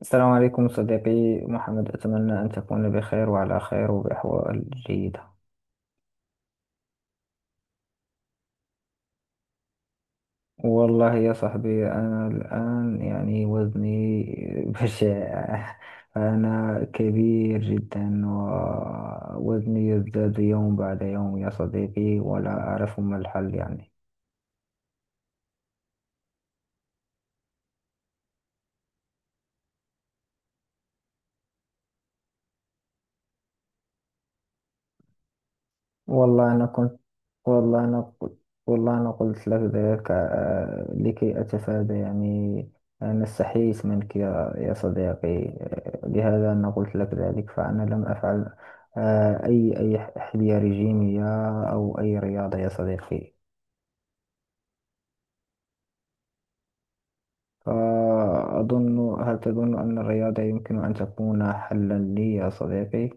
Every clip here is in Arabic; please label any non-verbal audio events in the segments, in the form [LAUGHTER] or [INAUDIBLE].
السلام عليكم صديقي محمد، أتمنى أن تكون بخير وعلى خير وبأحوال جيدة. والله يا صاحبي، أنا الآن وزني [LAUGHS] بشع. أنا كبير جدا ووزني يزداد يوم بعد يوم يا صديقي، ولا أعرف ما الحل. والله أنا كنت والله أنا قلت والله أنا قلت لك ذلك لكي أتفادى أنا استحييت منك، يا صديقي. لهذا أنا قلت لك ذلك، فأنا لم أفعل أي حمية رجيمية أو أي رياضة يا صديقي. هل تظن أن الرياضة يمكن أن تكون حلا لي يا صديقي؟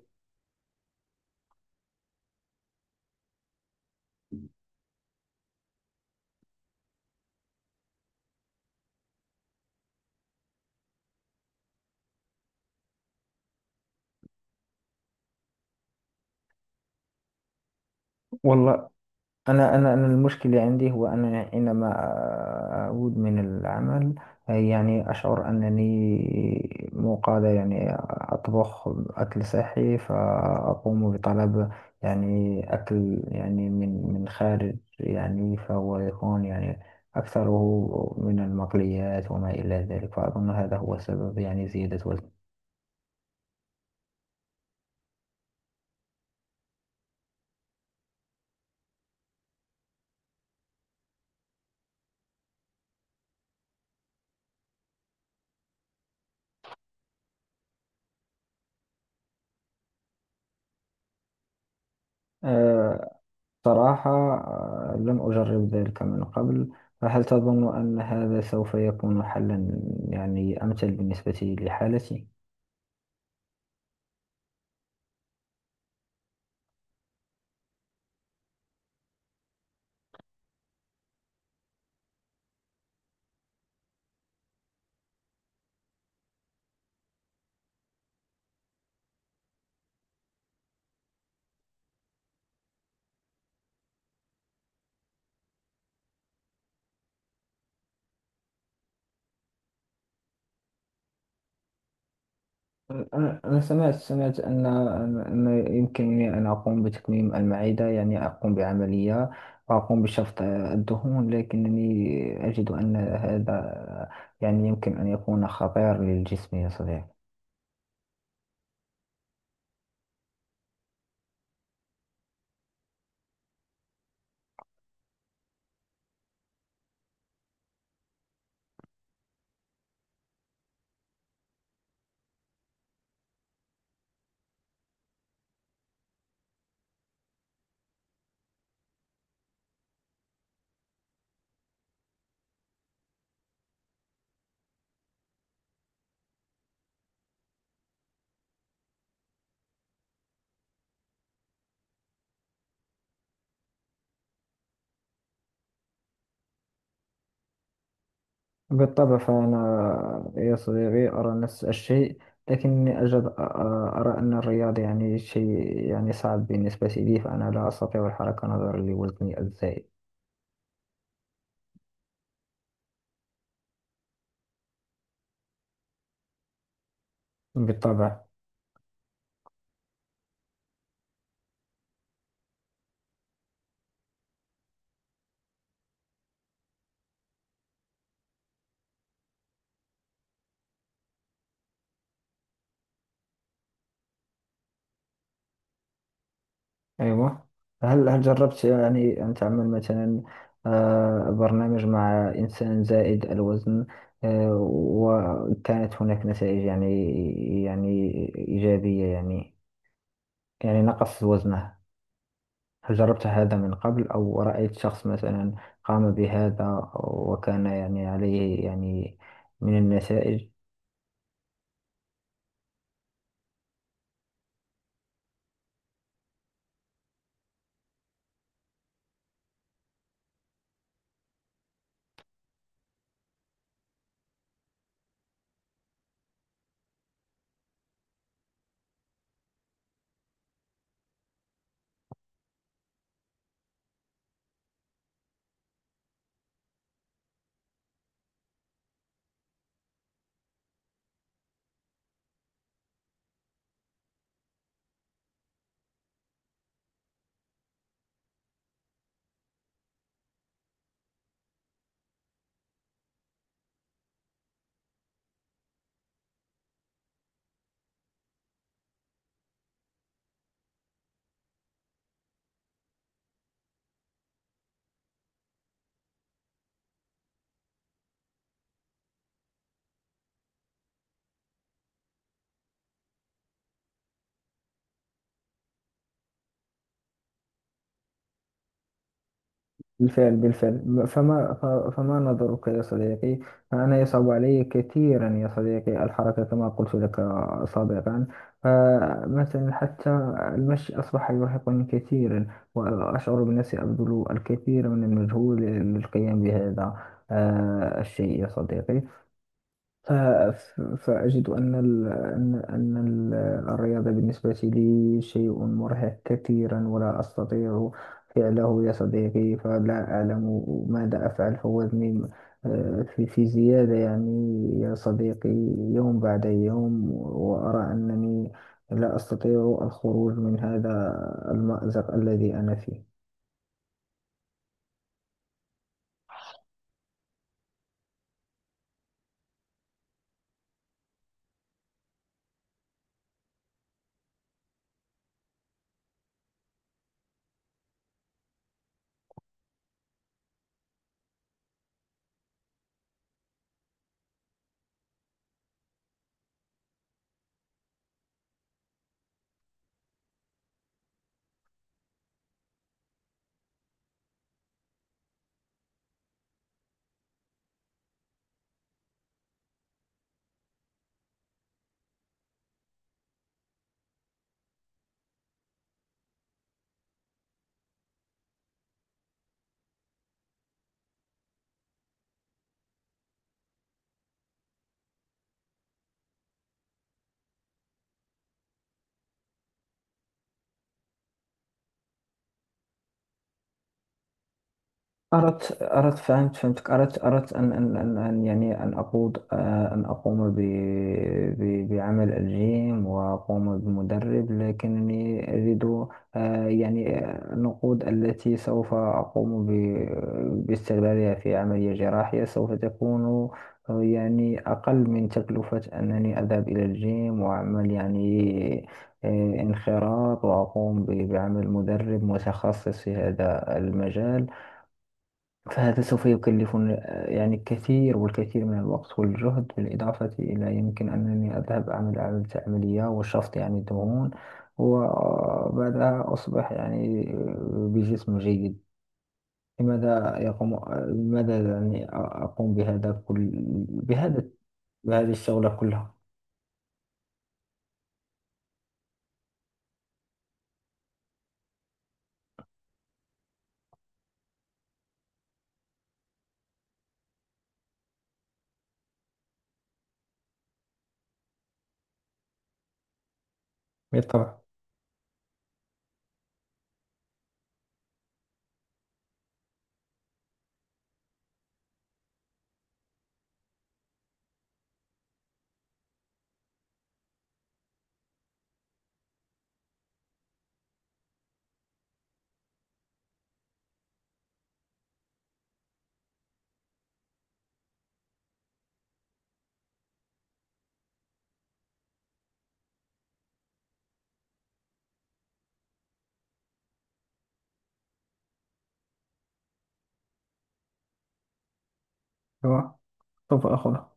والله، أنا المشكلة عندي هو أنا حينما أعود من العمل أشعر أنني مو قادر أطبخ أكل صحي، فأقوم بطلب أكل من خارج. فهو يكون أكثره من المقليات وما إلى ذلك، فأظن هذا هو سبب زيادة وزن. صراحة لم أجرب ذلك من قبل، فهل تظن أن هذا سوف يكون حلا أمثل بالنسبة لحالتي؟ أنا سمعت أن يمكنني أن أقوم بتكميم المعدة، أقوم بعملية وأقوم بشفط الدهون، لكنني أجد أن هذا يمكن أن يكون خطير للجسم يا صديقي. بالطبع، فأنا يا صديقي أرى نفس الشيء، لكني أرى أن الرياضة شيء صعب بالنسبة لي، فأنا لا أستطيع الحركة نظرا لوزني الزائد. بالطبع. أيوة، هل جربت أن تعمل مثلا برنامج مع إنسان زائد الوزن وكانت هناك نتائج يعني إيجابية، نقص وزنه؟ هل جربت هذا من قبل، أو رأيت شخص مثلا قام بهذا وكان عليه من النتائج؟ بالفعل بالفعل. فما نظرك يا صديقي؟ فأنا يصعب علي كثيرا يا صديقي الحركة، كما قلت لك سابقا. فمثلا حتى المشي أصبح يرهقني كثيرا، وأشعر بنفسي أبذل الكثير من المجهود للقيام بهذا الشيء يا صديقي. فأجد أن ال أن أن ال الرياضة بالنسبة لي شيء مرهق كثيرا، ولا أستطيع فعله يا صديقي، فلا أعلم ماذا أفعل. فوزني في زيادة يا صديقي يوم بعد يوم، وأرى أنني لا أستطيع الخروج من هذا المأزق الذي أنا فيه. أردت أردت فهمتك. أردت أردت أن أن أن أن أن أقود آه، أن أقوم ب ب بعمل الجيم وأقوم بمدرب، لكنني أجد النقود التي سوف أقوم باستغلالها في عملية جراحية سوف تكون أقل من تكلفة أنني أذهب إلى الجيم وأعمل انخراط وأقوم بعمل مدرب متخصص في هذا المجال. فهذا سوف يكلفني الكثير والكثير من الوقت والجهد، بالإضافة إلى يمكن أنني أذهب أعمل عملية وشفط دهون، وبعدها أصبح بجسم جيد. لماذا يقوم آه، لماذا أقوم بهذا كل بهذا بهذه الشغلة كلها؟ بالطبع. هو سوف أخذها.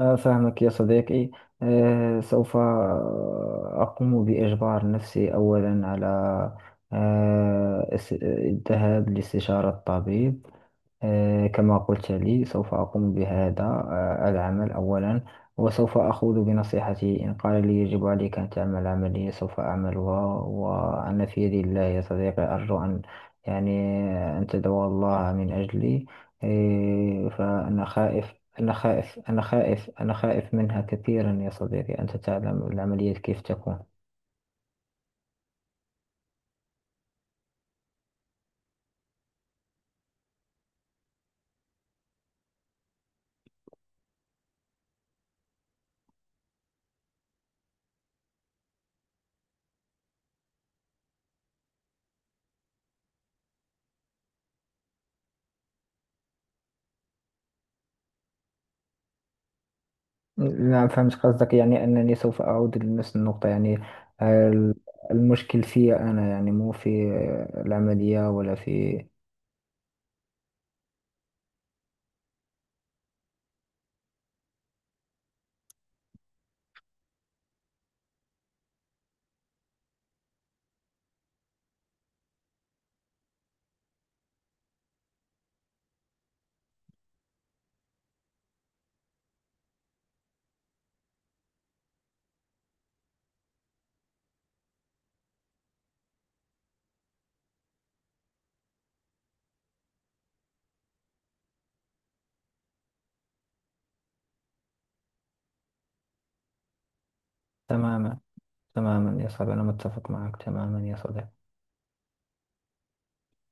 فاهمك يا صديقي. سوف أقوم بإجبار نفسي أولا على الذهاب لاستشارة طبيب. كما قلت لي، سوف أقوم بهذا العمل أولا، وسوف أخوض بنصيحته. إن قال لي يجب عليك أن تعمل عملية سوف أعملها، وأنا في يد الله يا صديقي. أرجو أن يعني أن تدعو الله من أجلي. فأنا خائف، أنا خائف أنا خائف أنا خائف منها كثيرا يا صديقي، أنت تعلم العمليات كيف تكون. نعم، فهمت قصدك. أنني سوف أعود لنفس النقطة، ال- المشكل في أنا، مو في العملية ولا في... تماما. تماما يا صاحبي، أنا متفق معك تماما يا صديقي.